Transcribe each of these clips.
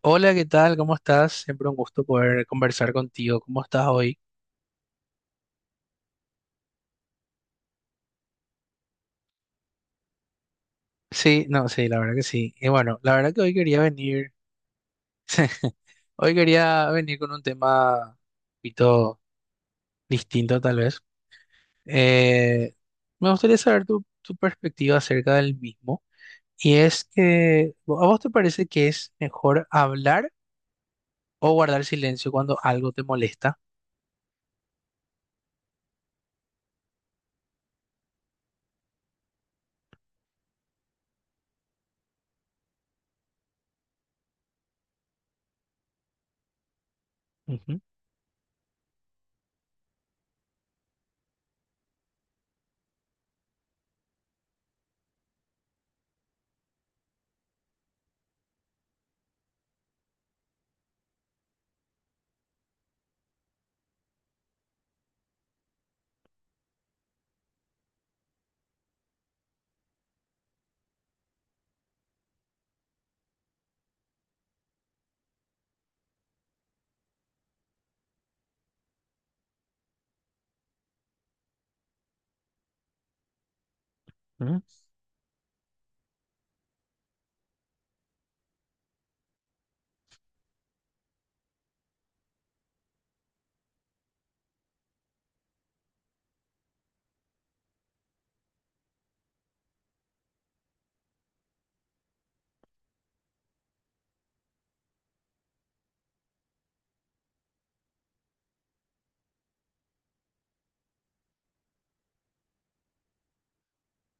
Hola, ¿qué tal? ¿Cómo estás? Siempre un gusto poder conversar contigo. ¿Cómo estás hoy? Sí, no, sí, la verdad que sí. Y bueno, la verdad que hoy quería venir, hoy quería venir con un tema un poquito distinto tal vez. Eh, Me gustaría saber tu perspectiva acerca del mismo. Y es que, ¿a vos te parece que es mejor hablar o guardar silencio cuando algo te molesta? Ujú, ujú.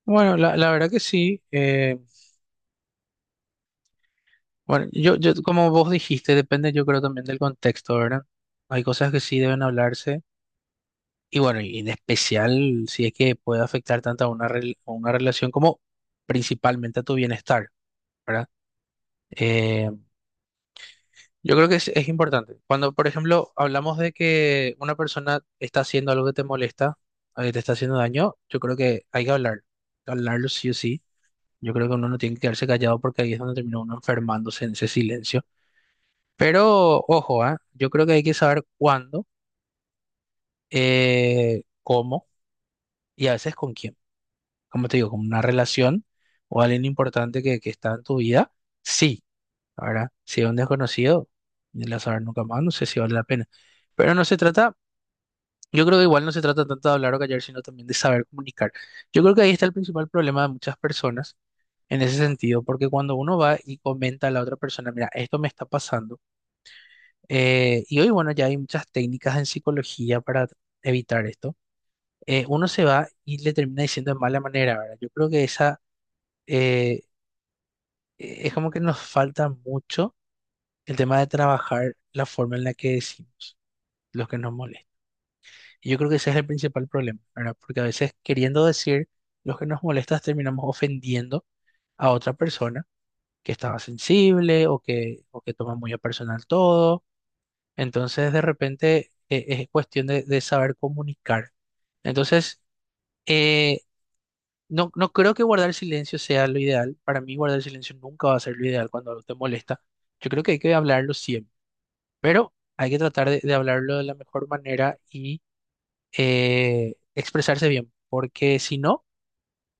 Bueno, la verdad que sí. Bueno, como vos dijiste, depende, yo creo también del contexto, ¿verdad? Hay cosas que sí deben hablarse. Y bueno, y en especial si es que puede afectar tanto a una, a una relación como principalmente a tu bienestar, ¿verdad? Eh, yo creo que es importante. Cuando, por ejemplo, hablamos de que una persona está haciendo algo que te molesta, o que te está haciendo daño, yo creo que hay que hablar, hablarlo sí o sí. Yo creo que uno no tiene que quedarse callado porque ahí es donde termina uno enfermándose en ese silencio. Pero ojo, ¿ah? Yo creo que hay que saber cuándo, cómo y a veces con quién. Como te digo, como una relación o alguien importante que está en tu vida, sí. Ahora, si es un desconocido, ni le vas nunca más, no sé si vale la pena. Pero no se trata, yo creo que igual no se trata tanto de hablar o callar, sino también de saber comunicar. Yo creo que ahí está el principal problema de muchas personas en ese sentido, porque cuando uno va y comenta a la otra persona, mira, esto me está pasando, y hoy, bueno, ya hay muchas técnicas en psicología para evitar esto. Uno se va y le termina diciendo de mala manera, ¿verdad? Yo creo que esa, eh, es como que nos falta mucho el tema de trabajar la forma en la que decimos lo que nos molesta. Y yo creo que ese es el principal problema, ¿verdad? Porque a veces queriendo decir lo que nos molesta terminamos ofendiendo a otra persona que estaba sensible o que toma muy a personal todo. Entonces de repente es cuestión de saber comunicar. Entonces, eh, no, no creo que guardar silencio sea lo ideal. Para mí guardar silencio nunca va a ser lo ideal cuando algo te molesta. Yo creo que hay que hablarlo siempre. Pero hay que tratar de hablarlo de la mejor manera y expresarse bien, porque si no,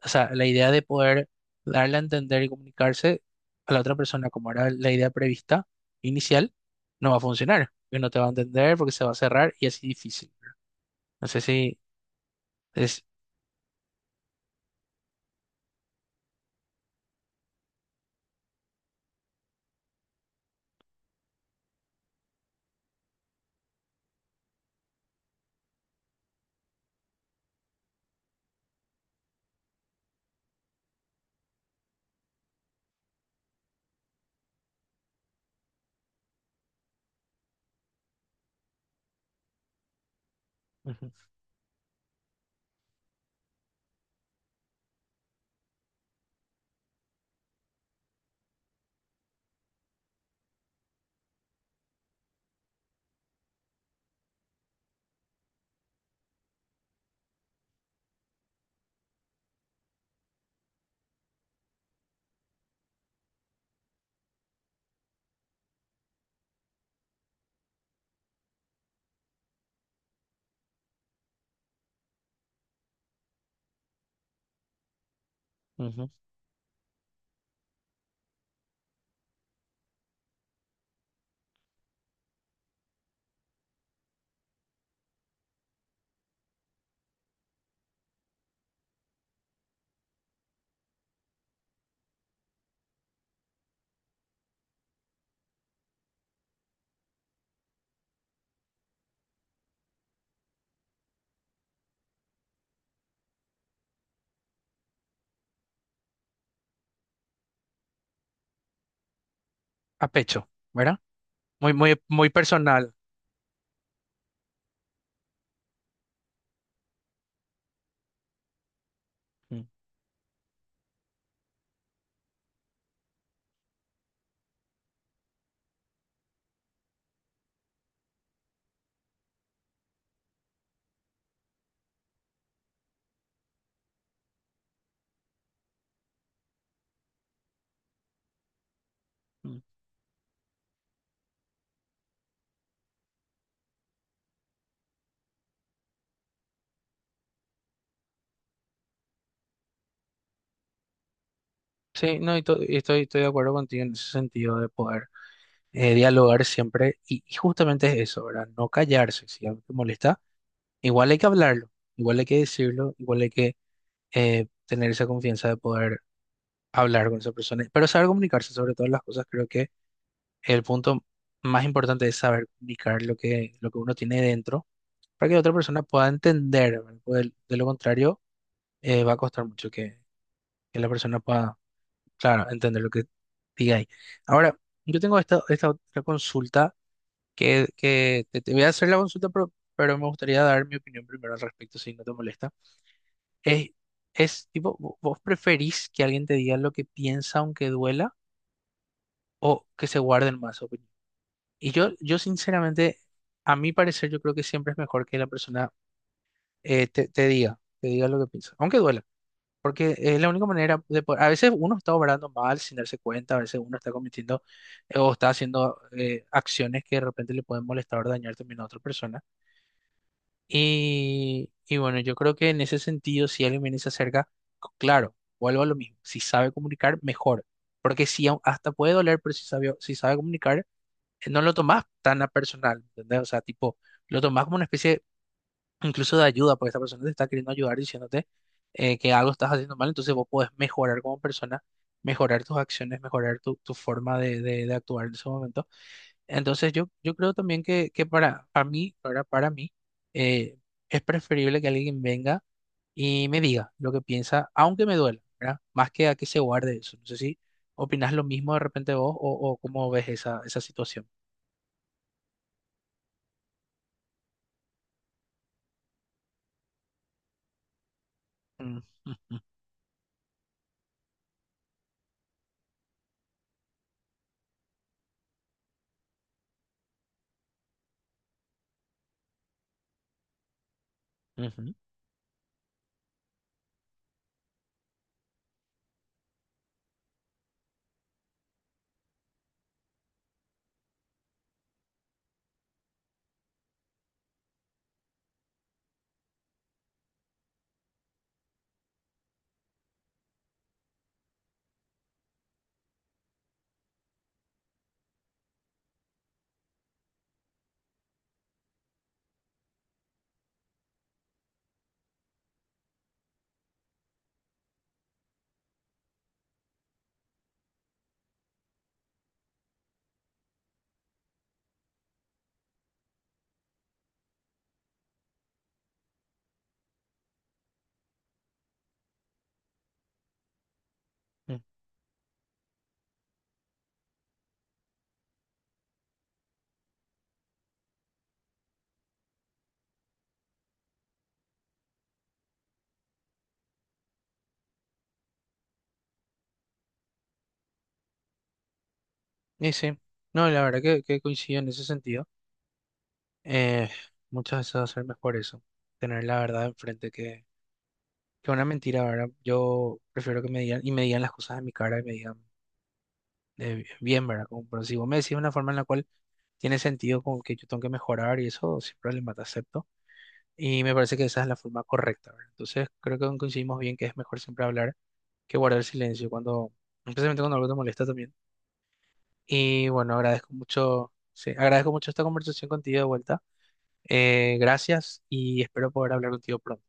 o sea, la idea de poder darle a entender y comunicarse a la otra persona como era la idea prevista inicial, no va a funcionar, porque no te va a entender, porque se va a cerrar y así difícil. No sé si es ujú, ujú, a pecho, ¿verdad? Muy, muy, muy personal. Mm, mm. Sí, no, y y estoy, estoy de acuerdo contigo en ese sentido de poder dialogar siempre y justamente es eso, ¿verdad? No callarse, si algo te molesta, igual hay que hablarlo, igual hay que decirlo, igual hay que tener esa confianza de poder hablar con esa persona, pero saber comunicarse sobre todas las cosas. Creo que el punto más importante es saber comunicar lo que uno tiene dentro para que la otra persona pueda entender, ¿verdad? Porque de lo contrario va a costar mucho que la persona pueda, claro, entender lo que diga ahí. Ahora, yo tengo esta, esta otra consulta que te voy a hacer la consulta, pero me gustaría dar mi opinión primero al respecto, si no te molesta. Es, es tipo, ¿vos preferís que alguien te diga lo que piensa aunque duela o que se guarden más opinión? Y yo sinceramente, a mi parecer, yo creo que siempre es mejor que la persona te diga lo que piensa, aunque duela. Porque es la única manera de poder. A veces uno está obrando mal sin darse cuenta, a veces uno está cometiendo o está haciendo acciones que de repente le pueden molestar o dañar también a otra persona. Y bueno, yo creo que en ese sentido, si alguien viene y se acerca, claro, vuelvo a lo mismo. Si sabe comunicar, mejor. Porque si hasta puede doler, pero si sabe, si sabe comunicar, no lo tomás tan a personal, ¿entendés? O sea, tipo, lo tomás como una especie incluso de ayuda, porque esta persona te está queriendo ayudar diciéndote que algo estás haciendo mal, entonces vos podés mejorar como persona, mejorar tus acciones, mejorar tu forma de, de actuar en ese momento. Entonces yo creo también que para mí, eh, es preferible que alguien venga y me diga lo que piensa, aunque me duela, ¿verdad? Más que a que se guarde eso. No sé si opinás lo mismo de repente vos o cómo ves esa, esa situación. Mm, ujú, ujú, ujú. Y sí, no, la verdad que coincido en ese sentido. Eh, Muchas veces va a ser mejor eso, tener la verdad enfrente que una mentira, ¿verdad? Yo prefiero que me digan y me digan las cosas en mi cara y me digan de bien, ¿verdad? Como, pero si vos me decís de una forma en la cual tiene sentido como que yo tengo que mejorar y eso, sin problema, te acepto. Y me parece que esa es la forma correcta, ¿verdad? Entonces creo que coincidimos bien que es mejor siempre hablar que guardar silencio cuando, especialmente cuando algo te molesta también. Y bueno, agradezco mucho, sí, agradezco mucho esta conversación contigo de vuelta. Gracias y espero poder hablar contigo pronto.